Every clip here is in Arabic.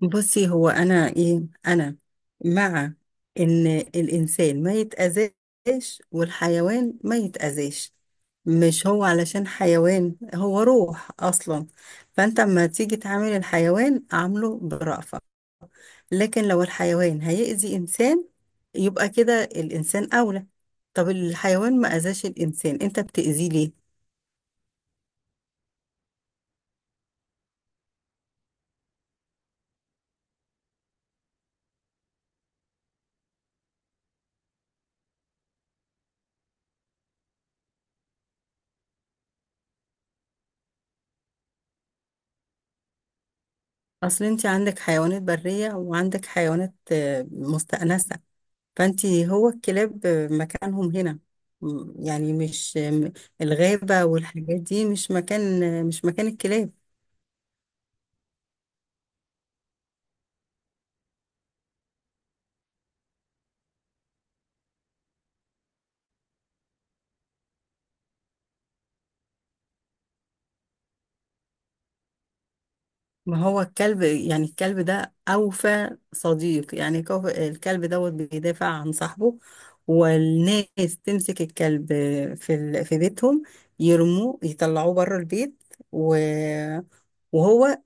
بصي، هو انا مع ان الانسان ما يتاذاش والحيوان ما يتاذاش. مش هو علشان حيوان، هو روح اصلا. فانت اما تيجي تعامل الحيوان عامله برأفة، لكن لو الحيوان هيأذي انسان يبقى كده الانسان اولى. طب الحيوان ما اذاش الانسان، انت بتأذيه ليه؟ اصل انت عندك حيوانات برية وعندك حيوانات مستأنسة. فانت هو الكلاب مكانهم هنا. يعني مش الغابة والحاجات دي، مش مكان الكلاب. ما هو الكلب، يعني الكلب ده أوفى صديق. يعني الكلب دوت بيدافع عن صاحبه، والناس تمسك الكلب في بيتهم، يرموه يطلعوه بره البيت. و- وهو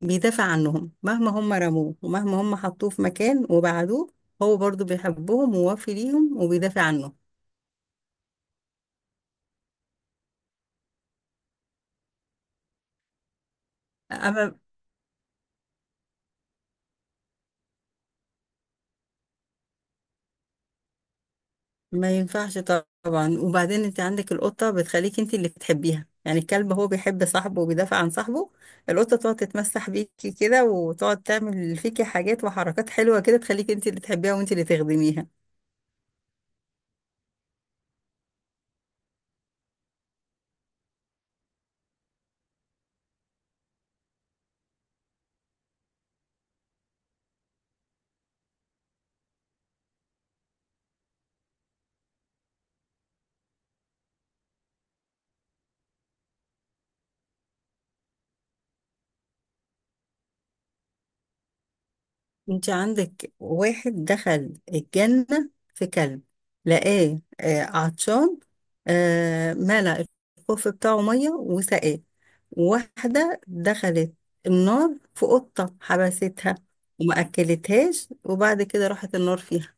بيدافع عنهم. مهما هم رموه ومهما هم حطوه في مكان وبعدوه، هو برضو بيحبهم ووافي ليهم وبيدافع عنهم. أما ما ينفعش. طبعا. وبعدين انت عندك القطة بتخليك انت اللي بتحبيها. يعني الكلب هو بيحب صاحبه وبيدافع عن صاحبه. القطة تقعد تتمسح بيكي كده وتقعد تعمل فيكي حاجات وحركات حلوة كده، تخليك انت اللي تحبيها وانت اللي تخدميها. انت عندك واحد دخل الجنة في كلب، لقاه عطشان، ملأ الخوف بتاعه مية وسقاه. واحدة دخلت النار في قطة حبستها، وما أكلتهاش، وبعد كده راحت النار فيها.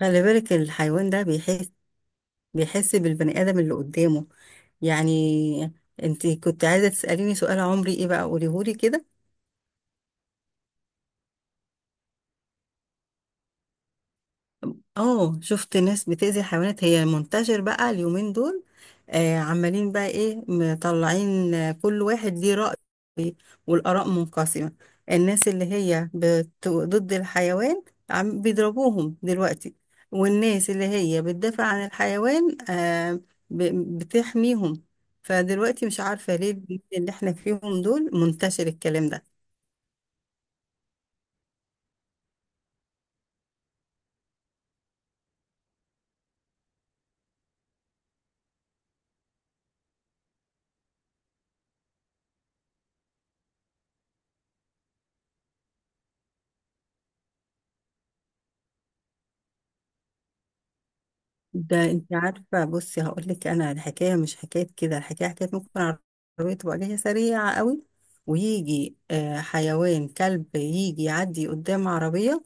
خلي بالك الحيوان ده بيحس بالبني آدم اللي قدامه. يعني انت كنت عايزة تسأليني سؤال، عمري ايه بقى قوليهولي كده. اه، شفت ناس بتأذي الحيوانات، هي منتشر بقى اليومين دول. عمالين بقى ايه مطلعين، كل واحد ليه رأي والآراء منقسمة. الناس اللي هي ضد الحيوان عم بيضربوهم دلوقتي، والناس اللي هي بتدافع عن الحيوان. ب... بتحميهم. فدلوقتي مش عارفة ليه الجيل اللي احنا فيهم دول منتشر الكلام ده. ده انت عارفه، بصي هقول لك، انا الحكايه مش حكايه كده. الحكايه حكايه ممكن العربيه تبقى جايه سريعه قوي، ويجي حيوان كلب يجي يعدي قدام عربيه.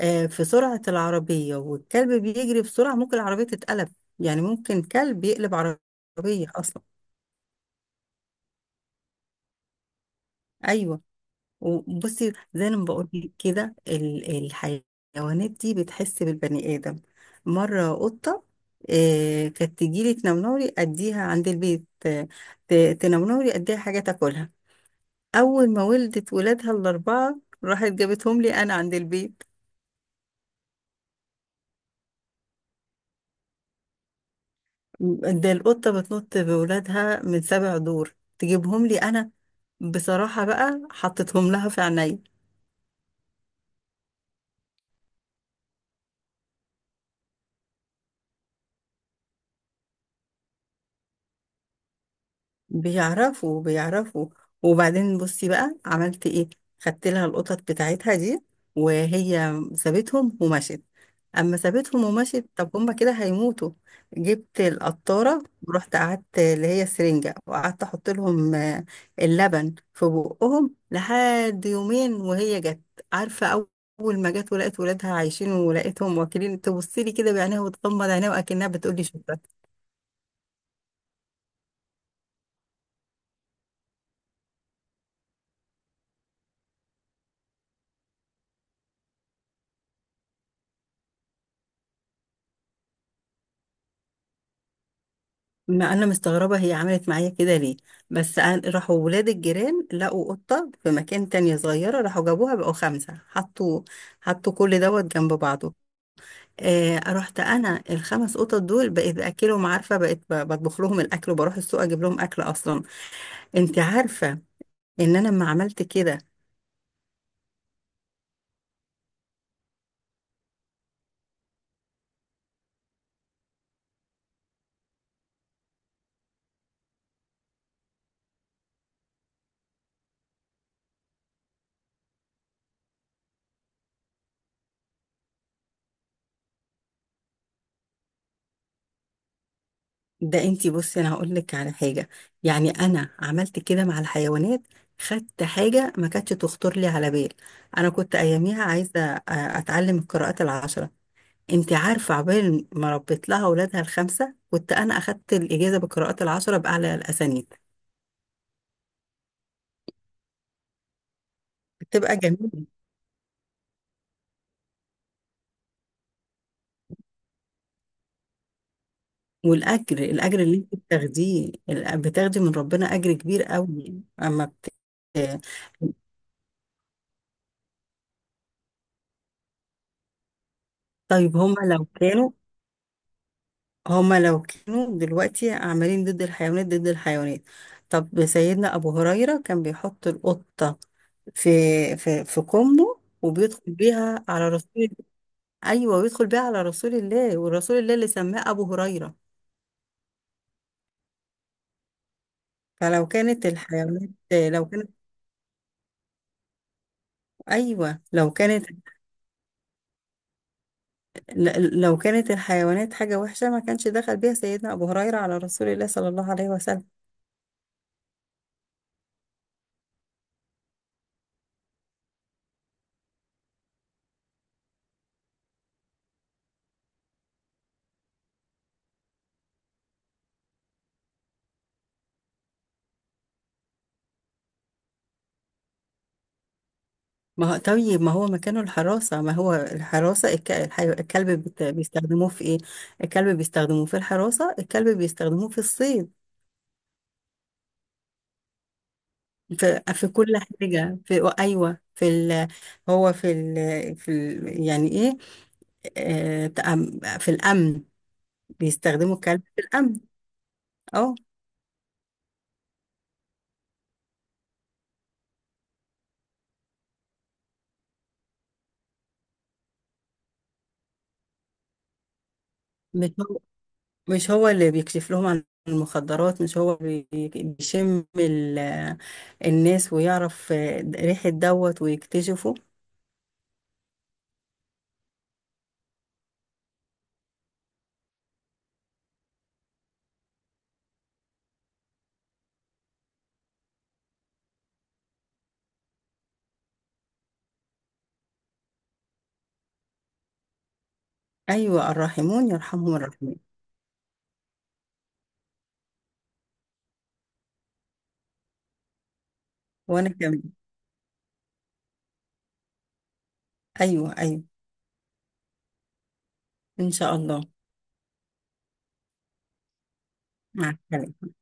في سرعه العربيه والكلب بيجري بسرعه، ممكن العربيه تتقلب. يعني ممكن كلب يقلب عربيه اصلا. ايوه. وبصي زي ما بقول لك كده، الحيوانات دي بتحس بالبني آدم. مرة قطة كانت تجيلي تنمنوري أديها عند البيت، تنمنوري أديها حاجة تاكلها. أول ما ولدت ولادها الأربعة راحت جابتهم لي أنا عند البيت. ده القطة بتنط بولادها من سبع دور تجيبهم لي أنا. بصراحة بقى حطيتهم لها في عينيا. بيعرفوا. وبعدين بصي بقى عملت ايه؟ خدت لها القطط بتاعتها دي، وهي سابتهم ومشت. اما سابتهم ومشت طب هما كده هيموتوا. جبت القطاره ورحت قعدت اللي هي السرنجه، وقعدت احط لهم اللبن في بقهم لحد يومين وهي جت. عارفه، اول ما جت ولقت ولادها عايشين ولقيتهم واكلين، تبص لي كده بعينيها وتغمض عينيها واكنها بتقول لي شكرا. ما انا مستغربه هي عملت معايا كده ليه. بس راحوا ولاد الجيران لقوا قطه في مكان تانية صغيره، راحوا جابوها بقوا خمسه، حطوا كل دوت جنب بعضه. رحت انا الخمس قطط دول بقيت باكلهم. عارفه، بقيت بطبخ لهم الاكل، وبروح السوق اجيب لهم اكل اصلا. انت عارفه ان انا لما عملت كده. ده انتي بصي، انا هقول لك على حاجه. يعني انا عملت كده مع الحيوانات، خدت حاجه ما كانتش تخطر لي على بال. انا كنت اياميها عايزه اتعلم القراءات العشره. انتي عارفه، عقبال ما ربيت لها اولادها الخمسه كنت انا اخدت الاجازه بالقراءات العشره باعلى الاسانيد. بتبقى جميله. والاجر، الاجر اللي انت بتاخديه ال- بتاخدي من ربنا اجر كبير قوي، اما طيب هما لو كانوا دلوقتي عاملين ضد الحيوانات، ضد الحيوانات. طب سيدنا أبو هريرة كان بيحط القطة في في كمه وبيدخل بيها على رسول. أيوة، ويدخل بيها على رسول الله، ورسول الله اللي سماه أبو هريرة. فلو كانت الحيوانات، لو كانت أيوة، لو كانت الحيوانات حاجة وحشة ما كانش دخل بيها سيدنا أبو هريرة على رسول الله صلى الله عليه وسلم. ما هو طيب، ما هو مكانه الحراسة، ما هو الحراسة الكلب بيستخدموه في ايه؟ الكلب بيستخدموه في الحراسة، الكلب بيستخدموه في الصيد. في كل حاجة. ايوه. هو يعني ايه، في الأمن. بيستخدموا الكلب في الأمن. اه. مش هو مش هو اللي بيكشف لهم عن المخدرات، مش هو بيشم الناس ويعرف ريحة دوت ويكتشفه. أيوة، الراحمون يرحمهم الراحمين. وأنا كمان. أيوة، أيوة. إن شاء الله. مع السلامة.